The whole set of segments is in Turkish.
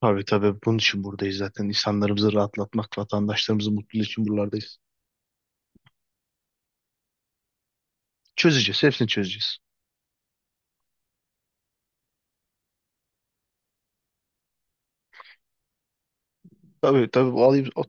Tabii tabii bunun için buradayız zaten. İnsanlarımızı rahatlatmak, vatandaşlarımızın mutluluğu için buralardayız. Çözeceğiz, hepsini çözeceğiz. Tabii tabii bu alayım.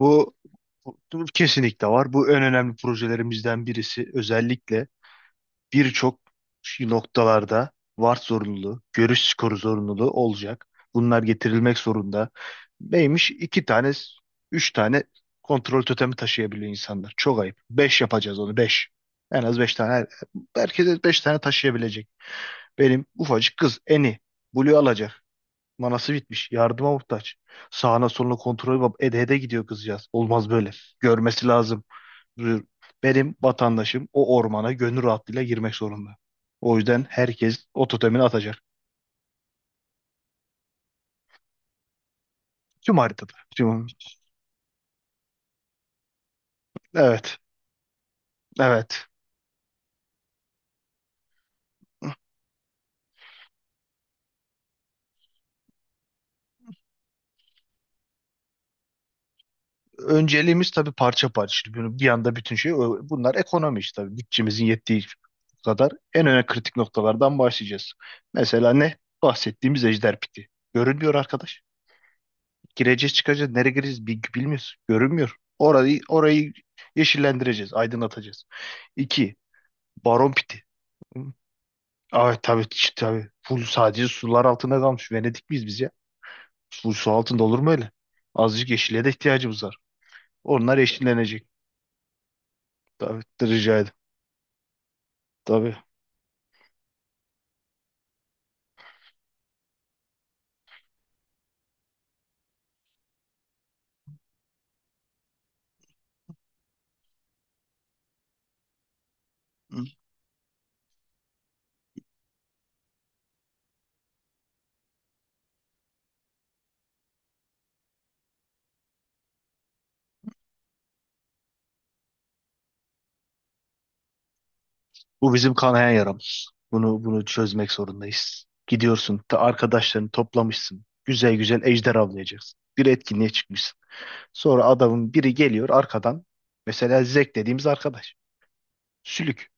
Bu, bu kesinlikle var. Bu en önemli projelerimizden birisi. Özellikle birçok noktalarda VAR zorunluluğu, görüş skoru zorunluluğu olacak. Bunlar getirilmek zorunda. Neymiş? 2 tane, 3 tane kontrol totemi taşıyabiliyor insanlar. Çok ayıp. Beş yapacağız onu, beş. En az 5 tane. Herkese 5 tane taşıyabilecek. Benim ufacık kız Eni. Blue alacak. Manası bitmiş. Yardıma muhtaç. Sağına soluna kontrol ede ede gidiyor kızcağız. Olmaz böyle. Görmesi lazım. Benim vatandaşım o ormana gönül rahatlığıyla girmek zorunda. O yüzden herkes o totemini atacak. Tüm haritada. Tüm... Evet. Evet. Önceliğimiz tabii parça parça. Şimdi bunu bir anda bütün şey bunlar ekonomi işte tabii. Bütçemizin yettiği kadar en önemli kritik noktalardan başlayacağız. Mesela ne? Bahsettiğimiz ejder piti. Görünmüyor arkadaş. Gireceğiz çıkacağız. Nereye gireceğiz bilmiyoruz. Görünmüyor. Orayı yeşillendireceğiz. Aydınlatacağız. İki. Baron piti. Ay tabii tabii. Full sadece sular altında kalmış. Venedik miyiz biz ya? Full su altında olur mu öyle? Azıcık yeşile de ihtiyacımız var. Onlar yeşillenecek. Tabii de rica ederim. Tabii. Bu bizim kanayan yaramız. Bunu çözmek zorundayız. Gidiyorsun, ta arkadaşlarını toplamışsın. Güzel güzel ejder avlayacaksın. Bir etkinliğe çıkmışsın. Sonra adamın biri geliyor arkadan. Mesela Zek dediğimiz arkadaş. Sülük.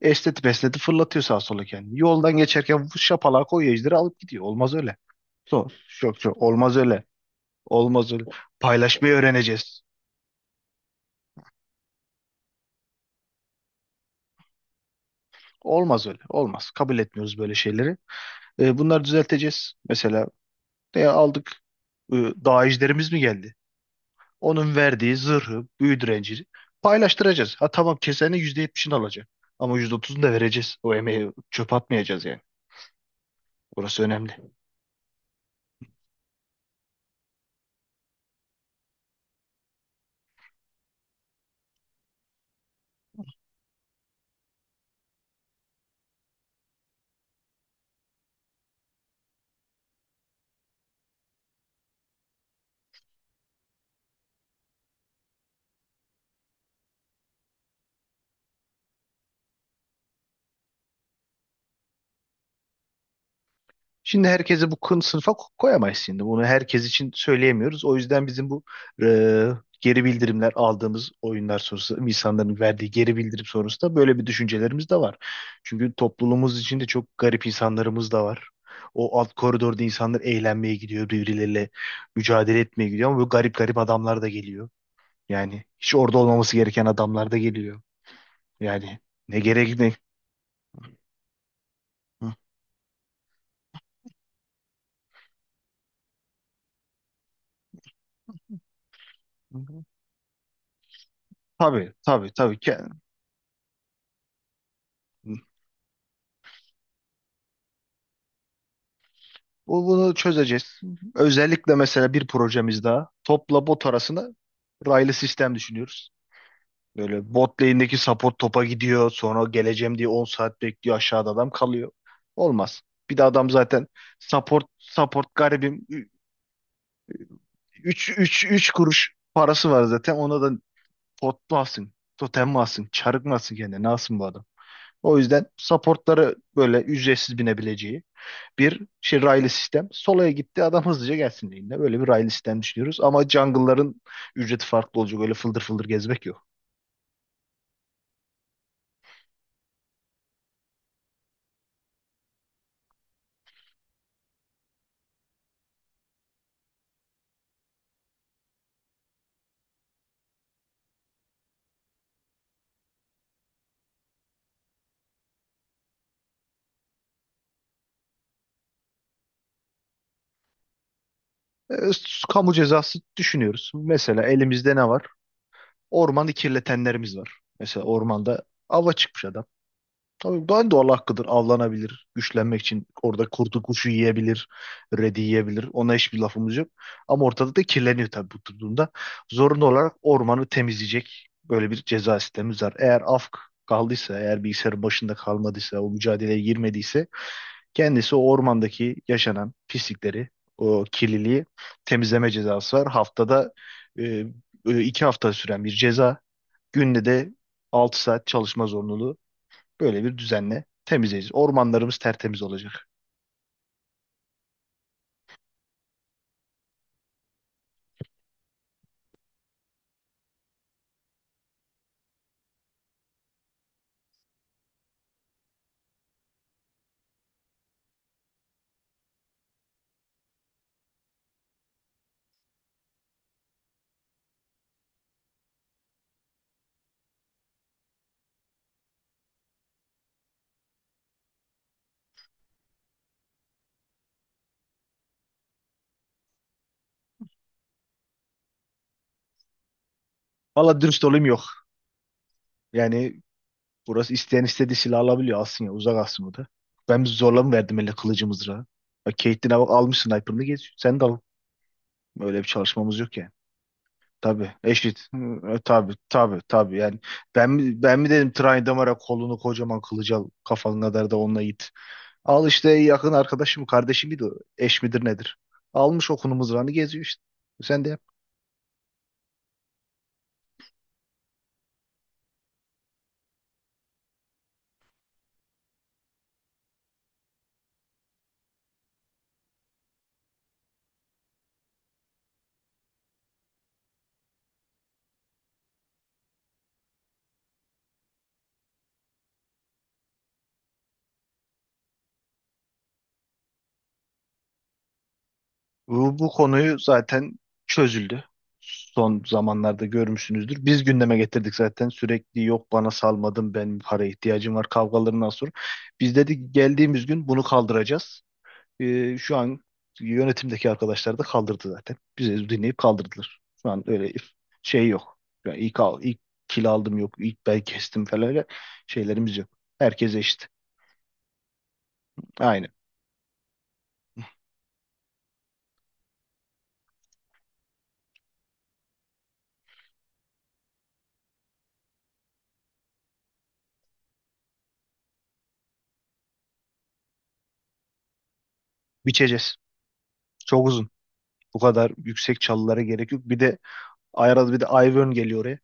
Esneti besneti fırlatıyor sağa sola kendini. Yoldan geçerken şapalağa koyuyor ejderi alıp gidiyor. Olmaz öyle. Zor. Çok çok. Olmaz öyle. Olmaz öyle. Paylaşmayı öğreneceğiz. Olmaz öyle. Olmaz. Kabul etmiyoruz böyle şeyleri. Bunları düzelteceğiz. Mesela aldık, e, dağ ejderimiz mi geldi? Onun verdiği zırhı, büyü direnci paylaştıracağız. Ha tamam, kesenin %70'ini alacak. Ama %30'unu da vereceğiz. O emeği çöp atmayacağız yani. Orası önemli. Şimdi herkese bu kın sınıfa koyamayız şimdi. Bunu herkes için söyleyemiyoruz. O yüzden bizim bu e, geri bildirimler aldığımız oyunlar sonrası insanların verdiği geri bildirim sonrasında böyle bir düşüncelerimiz de var. Çünkü topluluğumuz içinde çok garip insanlarımız da var. O alt koridorda insanlar eğlenmeye gidiyor, birbirleriyle mücadele etmeye gidiyor ama böyle garip garip adamlar da geliyor. Yani hiç orada olmaması gereken adamlar da geliyor. Yani ne gerek ne? Hı. Tabii tabii tabii. Bunu çözeceğiz. Özellikle mesela bir projemiz daha. Topla bot arasında raylı sistem düşünüyoruz. Böyle bot lane'deki support topa gidiyor. Sonra geleceğim diye 10 saat bekliyor. Aşağıda adam kalıyor. Olmaz. Bir de adam zaten support garibim, üç kuruş parası var zaten. Ona da pot mu alsın? Totem mi alsın? Çarık mı alsın kendine? Ne alsın bu adam? O yüzden supportları böyle ücretsiz binebileceği bir şey, raylı sistem. Solaya gitti adam hızlıca gelsin lane'ine. Böyle bir raylı sistem düşünüyoruz. Ama jungle'ların ücreti farklı olacak. Öyle fıldır fıldır gezmek yok. E, Kamu cezası düşünüyoruz. Mesela elimizde ne var? Ormanı kirletenlerimiz var. Mesela ormanda ava çıkmış adam. Tabii ben de Allah hakkıdır. Avlanabilir. Güçlenmek için orada kurdu kuşu yiyebilir. Redi yiyebilir. Ona hiçbir lafımız yok. Ama ortada da kirleniyor tabii bu durumda. Zorunlu olarak ormanı temizleyecek böyle bir ceza sistemimiz var. Eğer afk kaldıysa, eğer bilgisayarın başında kalmadıysa, o mücadeleye girmediyse, kendisi o ormandaki yaşanan pislikleri, o kirliliği temizleme cezası var. E, 2 hafta süren bir ceza. Günde de 6 saat çalışma zorunluluğu. Böyle bir düzenle temizleyeceğiz. Ormanlarımız tertemiz olacak. Valla dürüst olayım, yok. Yani burası, isteyen istediği silah alabiliyor. Alsın ya, uzak alsın o da. Ben bir zorla mı verdim elle kılıcı mızrağı? Bak, Caitlyn'e bak, almış sniper'ını geç. Sen de al. Öyle bir çalışmamız yok yani. Tabii eşit. Hı, tabii tabii tabii yani. Ben mi dedim Trine Damar'a kolunu, kocaman kılıcı al. Kafan kadar da onunla it. Al işte, yakın arkadaşım kardeşim miydi o? Eş midir nedir? Almış okunumuz mızrağını geziyor işte. Sen de yap. Bu konuyu zaten çözüldü. Son zamanlarda görmüşsünüzdür. Biz gündeme getirdik zaten sürekli yok bana salmadın ben para ihtiyacım var kavgalarından sonra. Biz dedik geldiğimiz gün bunu kaldıracağız. Şu an yönetimdeki arkadaşlar da kaldırdı zaten. Bizi dinleyip kaldırdılar. Şu an öyle şey yok. Yani ilk, ilk kil aldım yok, ilk bel kestim falan, öyle şeylerimiz yok. Herkes eşit. Aynı. Biçeceğiz. Çok uzun. Bu kadar yüksek çalılara gerek yok. Bir de Ayraz, bir de Ivern geliyor oraya.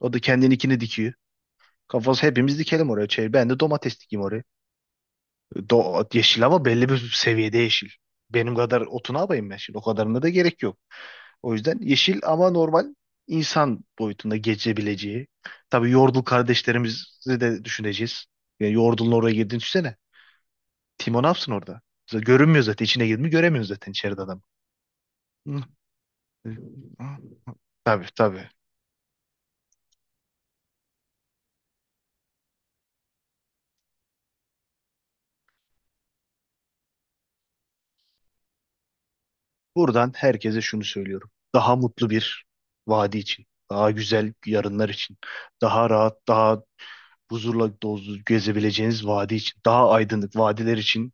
O da kendininkini dikiyor. Kafası hepimiz dikelim oraya. Şey, ben de domates dikeyim oraya. Yeşil ama belli bir seviyede yeşil. Benim kadar otunu alayım ben şimdi. O kadarına da gerek yok. O yüzden yeşil ama normal insan boyutunda geçebileceği. Tabii Yordle kardeşlerimizi de düşüneceğiz. Yani Yordle'ın oraya girdiğini düşünsene. Timo ne yapsın orada? Görünmüyor zaten. İçine girdi mi göremiyoruz zaten içeride adam. Hı. Hı. Tabii tabii. Buradan herkese şunu söylüyorum. Daha mutlu bir vadi için. Daha güzel yarınlar için. Daha rahat, daha huzurla dolu gezebileceğiniz vadi için. Daha aydınlık vadiler için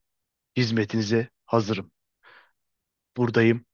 hizmetinize hazırım. Buradayım.